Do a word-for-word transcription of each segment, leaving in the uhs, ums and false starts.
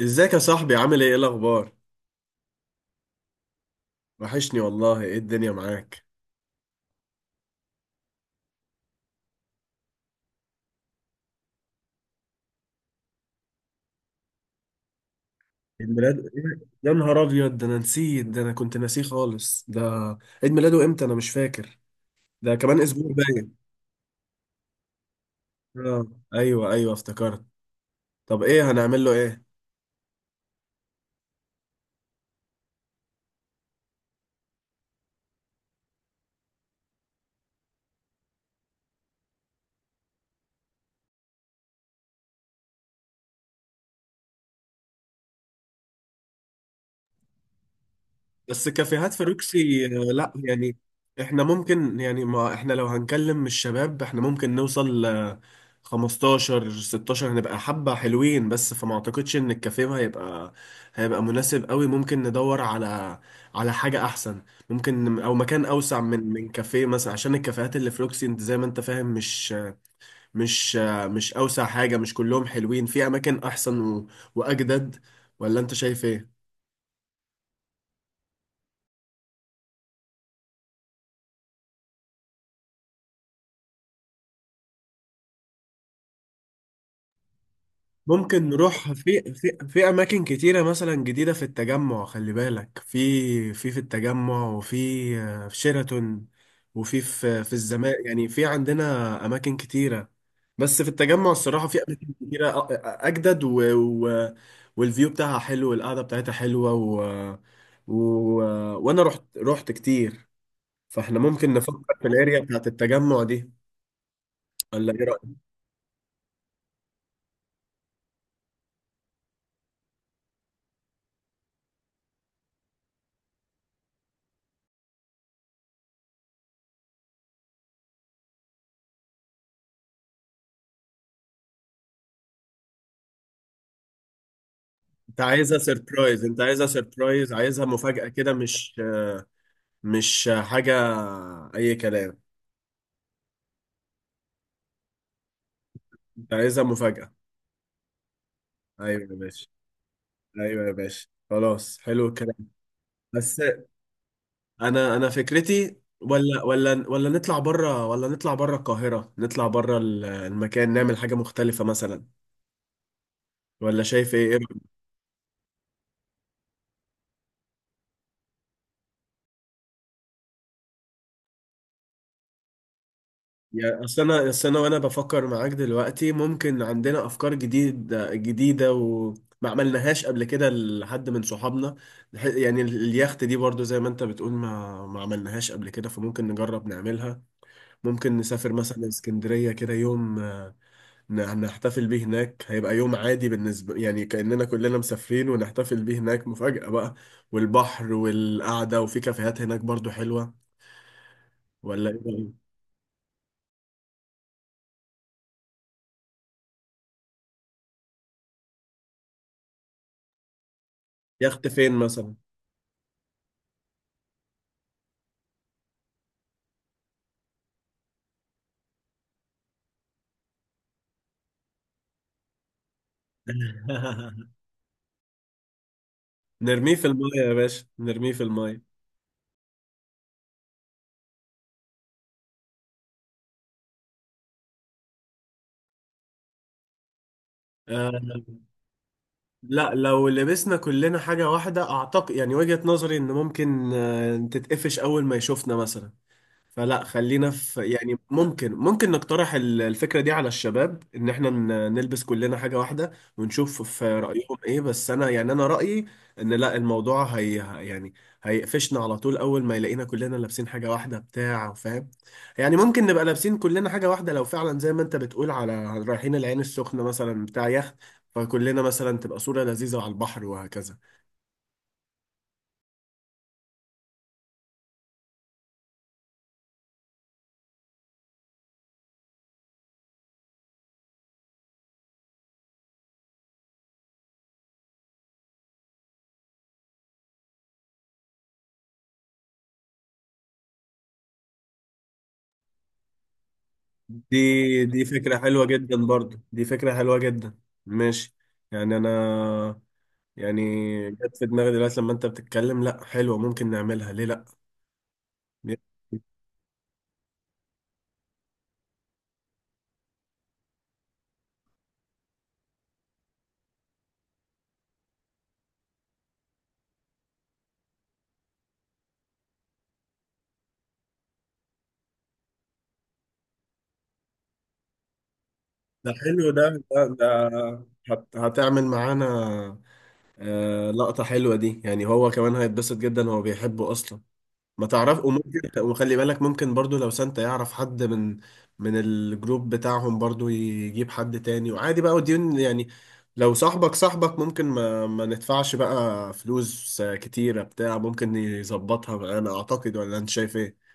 ازيك يا صاحبي؟ عامل ايه ايه الاخبار؟ وحشني والله. ايه الدنيا معاك؟ عيد ميلاد ايه؟ يا نهار ابيض، ده انا نسيت، ده انا كنت ناسيه خالص. ده عيد ميلاده امتى؟ انا مش فاكر. ده كمان اسبوع باين. اه، ايوه ايوه افتكرت. طب ايه هنعمل له؟ ايه بس كافيهات فاروكسي؟ آه، لا يعني. احنا ممكن، يعني ما احنا لو هنكلم الشباب احنا ممكن نوصل ل خمستاشر ستاشر، هنبقى حبة حلوين، بس فما اعتقدش ان الكافيه هيبقى هيبقى مناسب قوي. ممكن ندور على على حاجة احسن. ممكن او مكان اوسع من من كافيه مثلا، عشان الكافيهات اللي في روكسي انت زي ما انت فاهم، مش مش مش اوسع حاجة، مش كلهم حلوين، في اماكن احسن و- واجدد. ولا انت شايف ايه؟ ممكن نروح في في في اماكن كتيره مثلا جديده في التجمع، خلي بالك، في في في التجمع، وفي آه، في شيراتون، وفي في في الزمالك. يعني في عندنا اماكن كتيره، بس في التجمع الصراحه في اماكن كتيره، أ- أ- اجدد و و والفيو بتاعها حلو، والقعده بتاعتها حلوه، و و وانا رحت رحت كتير. فاحنا ممكن نفكر في الاريا بتاعت التجمع دي. ولا ايه رايك؟ انت عايزها سيربرايز؟ انت عايزها سيربرايز عايزها مفاجاه كده، مش آه، مش حاجة، أي كلام. أنت عايزها مفاجأة. أيوة يا باشا، أيوة يا باشا خلاص، حلو الكلام. بس أنا أنا فكرتي ولا ولا ولا نطلع بره، ولا نطلع بره القاهرة، نطلع بره المكان، نعمل حاجة مختلفة مثلا. ولا شايف إيه؟ إيه رأيك؟ يعني أصل أنا، أصل أنا وأنا بفكر معاك دلوقتي، ممكن عندنا أفكار جديدة جديدة و ما عملناهاش قبل كده لحد من صحابنا. يعني اليخت دي برضو زي ما انت بتقول ما ما عملناهاش قبل كده، فممكن نجرب نعملها. ممكن نسافر مثلا اسكندرية كده يوم، آه، ن- نحتفل بيه هناك، هيبقى يوم عادي بالنسبة، يعني كأننا كلنا مسافرين ونحتفل بيه هناك مفاجأة بقى. والبحر والقعدة، وفي كافيهات هناك برضو حلوة. ولا ايه رأيك؟ يخت فين مثلا؟ نرميه في المية يا باشا، نرميه في المية. آه. لا، لو لبسنا كلنا حاجة واحدة أعتقد، يعني وجهة نظري إن ممكن آه تتقفش أول ما يشوفنا مثلا. فلا خلينا في، يعني ممكن، ممكن نقترح ال- الفكرة دي على الشباب، ان احنا ن- نلبس كلنا حاجة واحدة، ونشوف في رأيهم ايه. بس انا يعني، انا رأيي ان لا، الموضوع هي، يعني هيقفشنا على طول اول ما يلاقينا كلنا لابسين حاجة واحدة، بتاع فاهم. يعني ممكن نبقى لابسين كلنا حاجة واحدة لو فعلا زي ما انت بتقول على رايحين العين السخنة مثلا بتاع يخت، فكلنا مثلا تبقى صورة لذيذة على البحر وهكذا. دي دي فكرة حلوة جدا، برضو دي فكرة حلوة جدا. ماشي. يعني أنا، يعني جت في دماغي دلوقتي لما أنت بتتكلم، لأ حلوة، ممكن نعملها، ليه لأ. ده حلو ده، ده, ده هت هتعمل معانا؟ آه، لقطة حلوة دي، يعني هو كمان هيتبسط جدا، هو بيحبه أصلا. ما تعرف، وممكن، وخلي بالك ممكن برضو لو سانتا يعرف حد من من الجروب بتاعهم برضو يجيب حد تاني، وعادي بقى وديون يعني. لو صاحبك صاحبك ممكن ما ما ندفعش بقى فلوس كتيرة بتاع، ممكن يظبطها انا اعتقد. ولا انت شايف ايه؟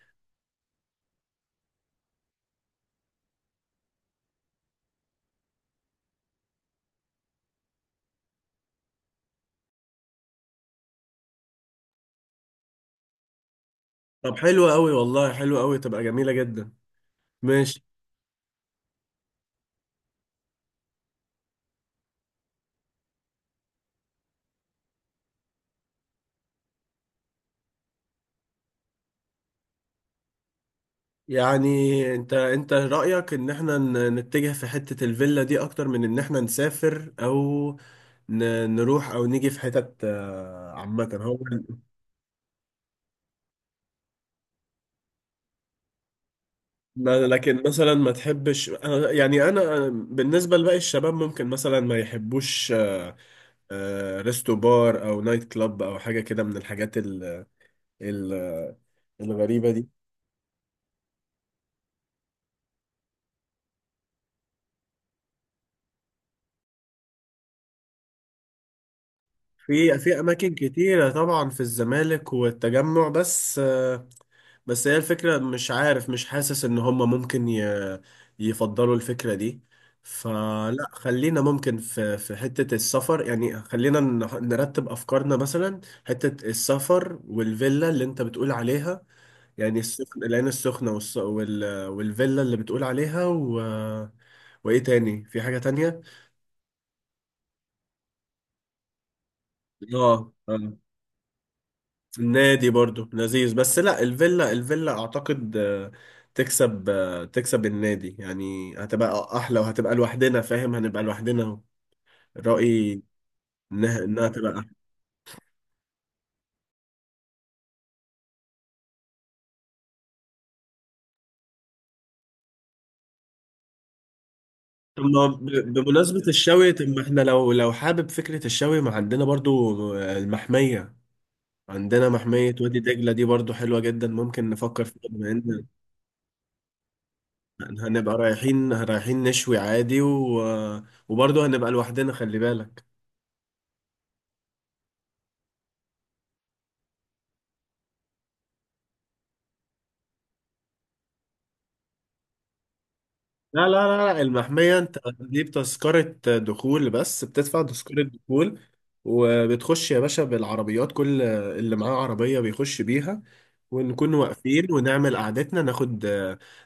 طب حلو قوي والله، حلو قوي تبقى جميلة جدا. ماشي. يعني انت انت رأيك ان احنا ن- نتجه في حتة الفيلا دي اكتر من ان احنا نسافر، او ن- نروح، او نيجي في حتت آه، عامة هو. ما- لكن مثلا ما تحبش، انا يعني، انا بالنسبة لباقي الشباب ممكن مثلا ما يحبوش آه، آه، ريستو بار او نايت كلاب او حاجة كده من الحاجات ال ال الغريبة دي. في في اماكن كتيرة طبعا في الزمالك والتجمع، بس آه، بس هي الفكرة مش عارف، مش حاسس ان هم ممكن ي... يفضلوا الفكرة دي. فلا خلينا ممكن في في حتة السفر، يعني خلينا نح- نرتب افكارنا مثلا. حتة السفر، والفيلا اللي انت بتقول عليها، يعني السخن العين السخنة والس... وال... والفيلا اللي بتقول عليها، و وايه تاني؟ في حاجة تانية؟ اه آه. النادي برضو لذيذ. بس لا، الفيلا، الفيلا اعتقد آه، تكسب، آه، تكسب النادي، يعني هتبقى احلى وهتبقى لوحدنا، فاهم، هنبقى لوحدنا. رأيي انها انها تبقى احلى. طب ما ب- بمناسبة الشوي، طب ما احنا لو لو حابب فكرة الشوي، ما عندنا برضو آه، المحمية، عندنا محمية وادي دجلة، دي برضو حلوة جدا، ممكن نفكر فيها، بما ان هنبقى رايحين رايحين نشوي عادي، و... وبرضو هنبقى لوحدنا خلي بالك. لا لا لا، لا، المحمية انت بتجيب تذكرة دخول، بس بتدفع تذكرة دخول وبتخش يا باشا بالعربيات، كل اللي معاه عربية بيخش بيها، ونكون واقفين ونعمل قعدتنا، ناخد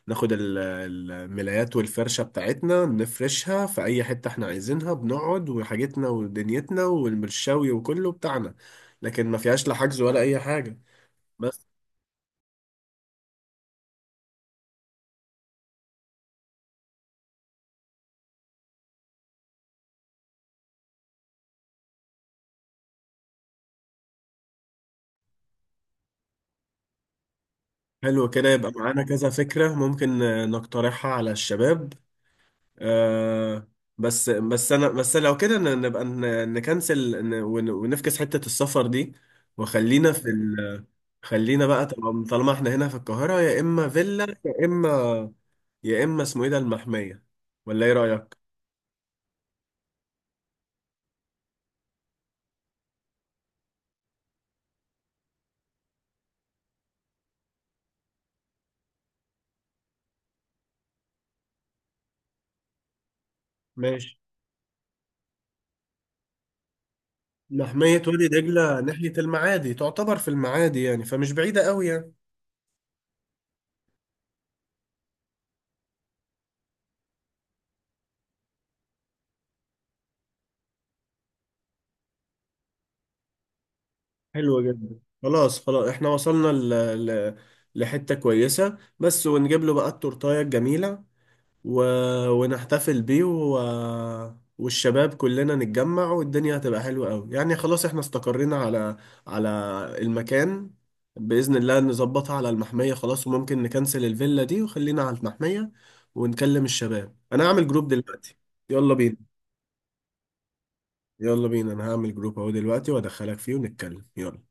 ناخد ال- الملايات والفرشة بتاعتنا، نفرشها في أي حتة احنا عايزينها، بنقعد وحاجتنا ودنيتنا والمرشاوي وكله بتاعنا. لكن ما فيهاش لا حجز ولا أي حاجة. بس حلو كده، يبقى معانا كذا فكرة ممكن نقترحها على الشباب. آه. بس بس انا بس لو كده ن- نبقى ن- نكنسل ن- ون- ونفكس حتة السفر دي، وخلينا في ال، خلينا بقى طالما طالما احنا هنا في القاهرة، يا اما فيلا، يا اما يا اما اسمه ايه ده، المحمية. ولا ايه رأيك؟ ماشي. محمية وادي دجلة ناحية المعادي، تعتبر في المعادي يعني، فمش بعيدة قوي يعني. حلو جدا. خلاص خلاص احنا وصلنا ل... ل... لحتة كويسة، بس ونجيب له بقى التورتاية الجميلة، و... ونحتفل بيه، و... والشباب كلنا نتجمع، والدنيا هتبقى حلوة قوي يعني. خلاص احنا استقرينا على على المكان، بإذن الله نظبطها على المحمية، خلاص، وممكن نكنسل الفيلا دي وخلينا على المحمية. ونكلم الشباب، أنا هعمل جروب دلوقتي، يلا بينا. يلا بينا أنا هعمل جروب أهو دلوقتي وأدخلك فيه ونتكلم، يلا.